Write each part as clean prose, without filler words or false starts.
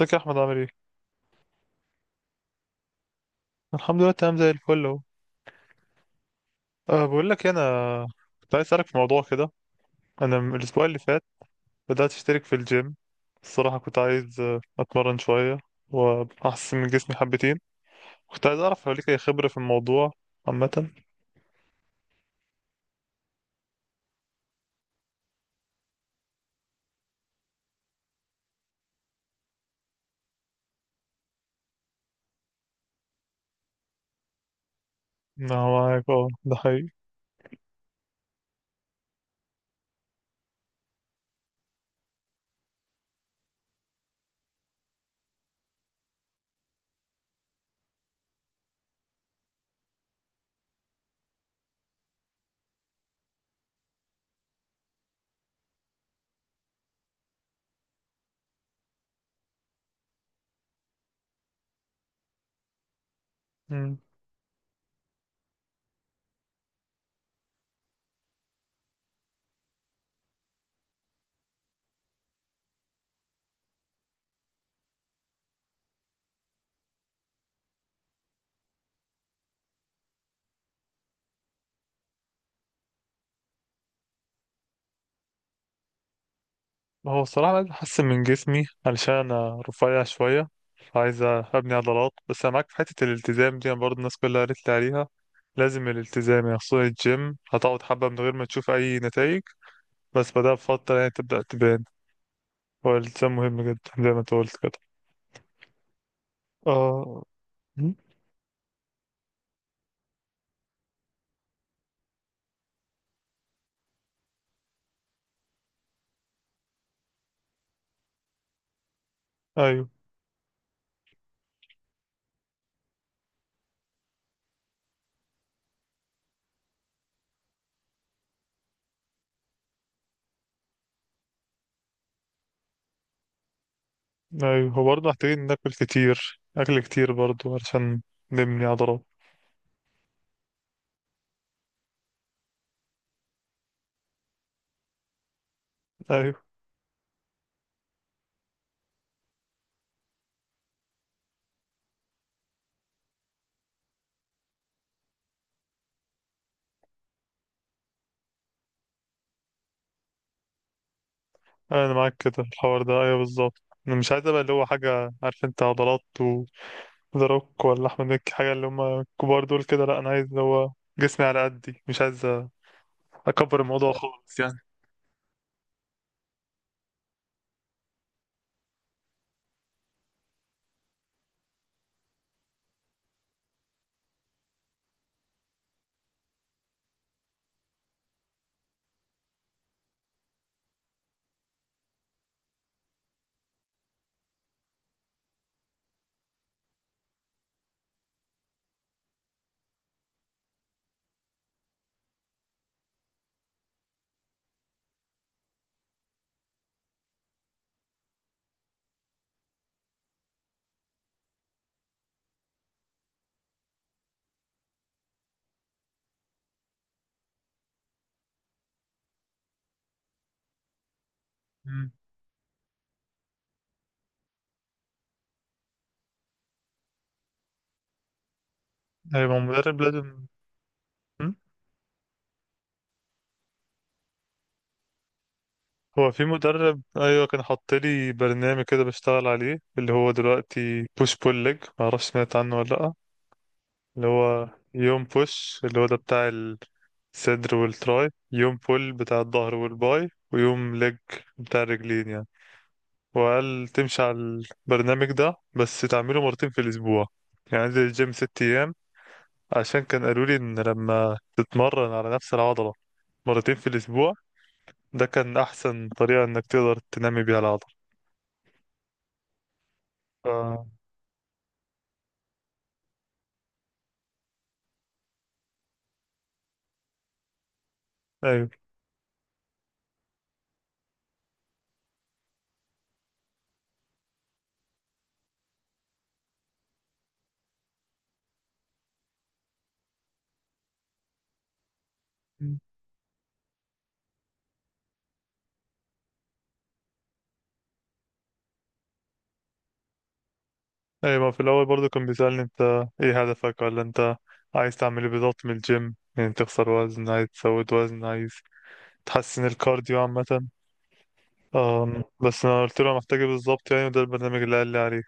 ازيك يا احمد؟ عامل ايه؟ الحمد لله، تمام زي الفل اهو. بقول لك إيه، انا كنت عايز اسالك في موضوع كده. انا من الاسبوع اللي فات بدات اشترك في الجيم. الصراحه كنت عايز اتمرن شويه واحسن من جسمي حبتين. كنت عايز اعرف لو ليك اي خبره في الموضوع عامه. ما هو معاك، اه ده حقيقي. ما هو الصراحة أنا عايز أحسن من جسمي علشان أنا رفيع شوية، عايز أبني عضلات. بس أنا معاك في حتة الالتزام دي، أنا برضه الناس كلها قالت لي عليها لازم الالتزام، يعني خصوصا الجيم هتقعد حبة من غير ما تشوف أي نتائج، بس بعدها بفترة يعني تبدأ تبان. هو الالتزام مهم جدا زي ما أنت قلت كده. آه. م? أيوه. أيوه، هو برضه محتاجين ناكل كتير، أكل كتير برضه علشان نبني عضلات. أيوه، أنا معاك كده، الحوار ده أيوه بالظبط. أنا مش عايز أبقى اللي هو حاجة عارف أنت عضلات، ذا روك ولا احمد مكي حاجه، اللي هم الكبار دول كده. لا، انا عايز اللي هو جسمي على قدي، مش عايز اكبر الموضوع خالص يعني. امم. ايوه ما هو مدرب لازم. مم. هو في مدرب، ايوه، كان حاط لي برنامج كده بشتغل عليه، اللي هو دلوقتي بوش بول ليج، ما اعرفش سمعت عنه ولا لا. اللي هو يوم بوش اللي هو ده بتاع الصدر والتراي، يوم بول بتاع الظهر والباي، ويوم ليج بتاع الرجلين يعني. وقال تمشي على البرنامج ده، بس تعمله مرتين في الأسبوع، يعني أنزل الجيم ست أيام، عشان كان قالوا لي إن لما تتمرن على نفس العضلة مرتين في الأسبوع ده كان أحسن طريقة إنك تقدر تنمي بيها العضلة. ف... أيوه. أيوه، ما في الأول برضه كان بيسألني، أنت إيه هدفك، ولا أنت عايز تعمل إيه بالظبط من الجيم، يعني تخسر وزن، عايز تزود وزن، عايز تحسن الكارديو عامة. بس أنا قلت له أنا محتاج إيه بالظبط يعني، وده البرنامج اللي قال لي عليه.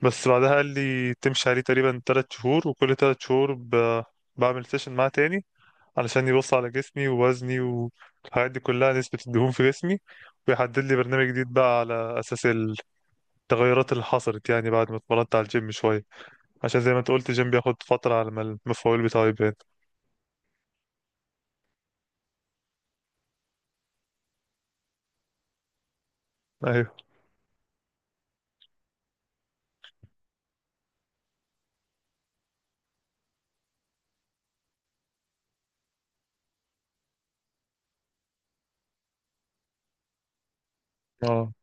بس بعدها قال لي تمشي عليه تقريبا تلات شهور، وكل تلات شهور بعمل سيشن معاه تاني، علشان يبص على جسمي ووزني والحاجات دي كلها، نسبة الدهون في جسمي، ويحدد لي برنامج جديد بقى على أساس التغيرات اللي حصلت، يعني بعد ما اتمرنت على الجيم شوية، عشان زي ما انت قلت الجيم بياخد فترة على ما المفعول بتاعه يبان. أيوه. اه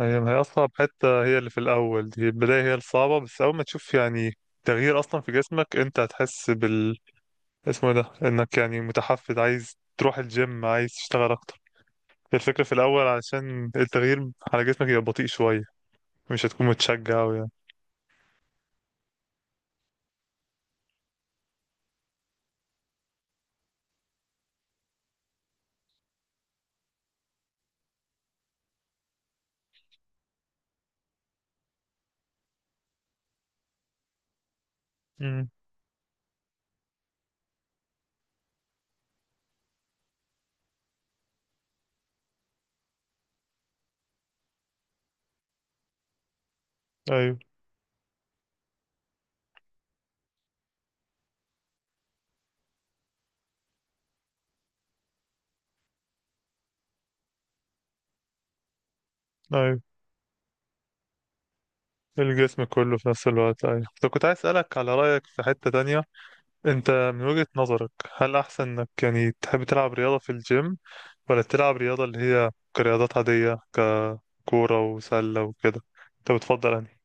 أيوه، ما هي أصعب حتة هي اللي في الأول دي، البداية هي الصعبة، بس أول ما تشوف يعني تغيير أصلا في جسمك أنت هتحس اسمه إيه ده، انك يعني متحفز عايز تروح الجيم، عايز تشتغل اكتر. الفكرة في الاول، علشان التغيير على جسمك يبقى بطيء شوية، مش هتكون متشجع أوي يعني. امم. ايوه. ايوه الجسم كله في نفس الوقت، ايوه. طب كنت عايز اسألك على رأيك في حتة تانية، انت من وجهة نظرك هل احسن انك يعني تحب تلعب رياضة في الجيم، ولا تلعب رياضة اللي هي كرياضات عادية، ككورة وسلة وكده، انت بتفضل انهي؟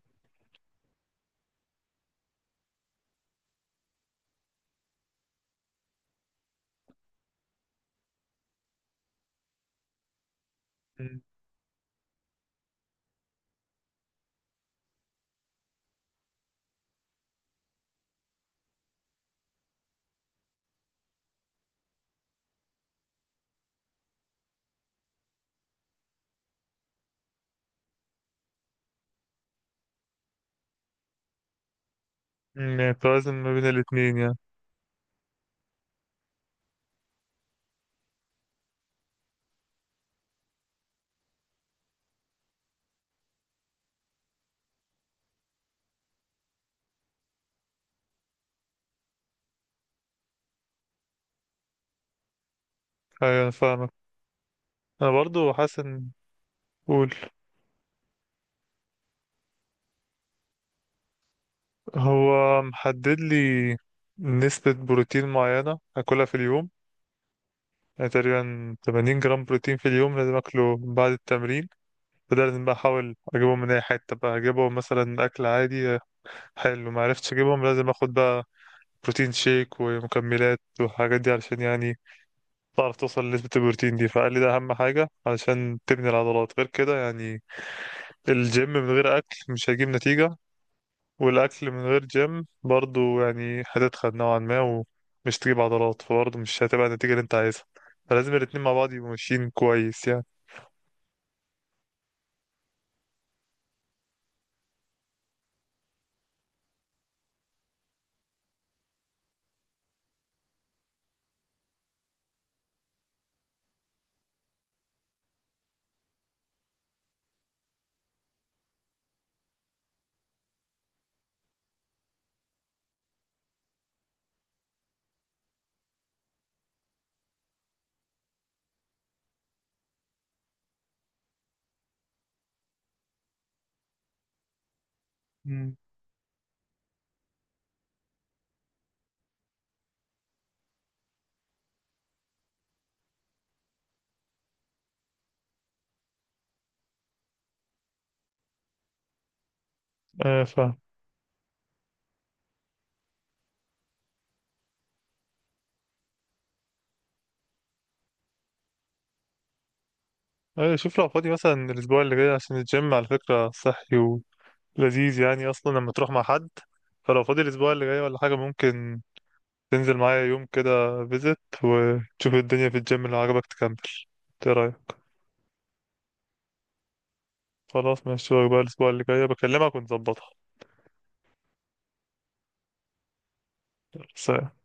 امم. يعني توازن ما بين الاتنين يعني. ايوه انا فاهمك. انا برضو حاسس ان. قول. هو محدد لي نسبة بروتين معينة اكلها في اليوم، يعني تقريبا 80 جرام بروتين في اليوم لازم اكله بعد التمرين. فده لازم بقى احاول اجيبهم من اي حتة، بقى اجيبهم مثلا اكل عادي حلو، ما عرفتش اجيبهم لازم اخد بقى بروتين شيك ومكملات والحاجات دي، علشان يعني تعرف توصل لنسبة البروتين دي. فقال لي ده اهم حاجة علشان تبني العضلات، غير كده يعني الجيم من غير اكل مش هيجيب نتيجة، والاكل من غير جيم برضو يعني هتتخن نوعا ما ومش تجيب عضلات، فبرضو مش هتبقى النتيجة اللي انت عايزها، فلازم الاتنين مع بعض يبقوا ماشيين كويس يعني. مم. اه فاهم. اه شوف لو فاضي مثلا الاسبوع اللي جاي، عشان الجيم على فكرة صحي ولذيذ يعني اصلا لما تروح مع حد، فلو فاضي الاسبوع اللي جاي ولا حاجة، ممكن تنزل معايا يوم كده فيزت وتشوف الدنيا في الجيم، لو عجبك تكمل. ايه رأيك؟ خلاص ماشي بقى، الاسبوع اللي جاي بكلمك ونظبطها. سلام.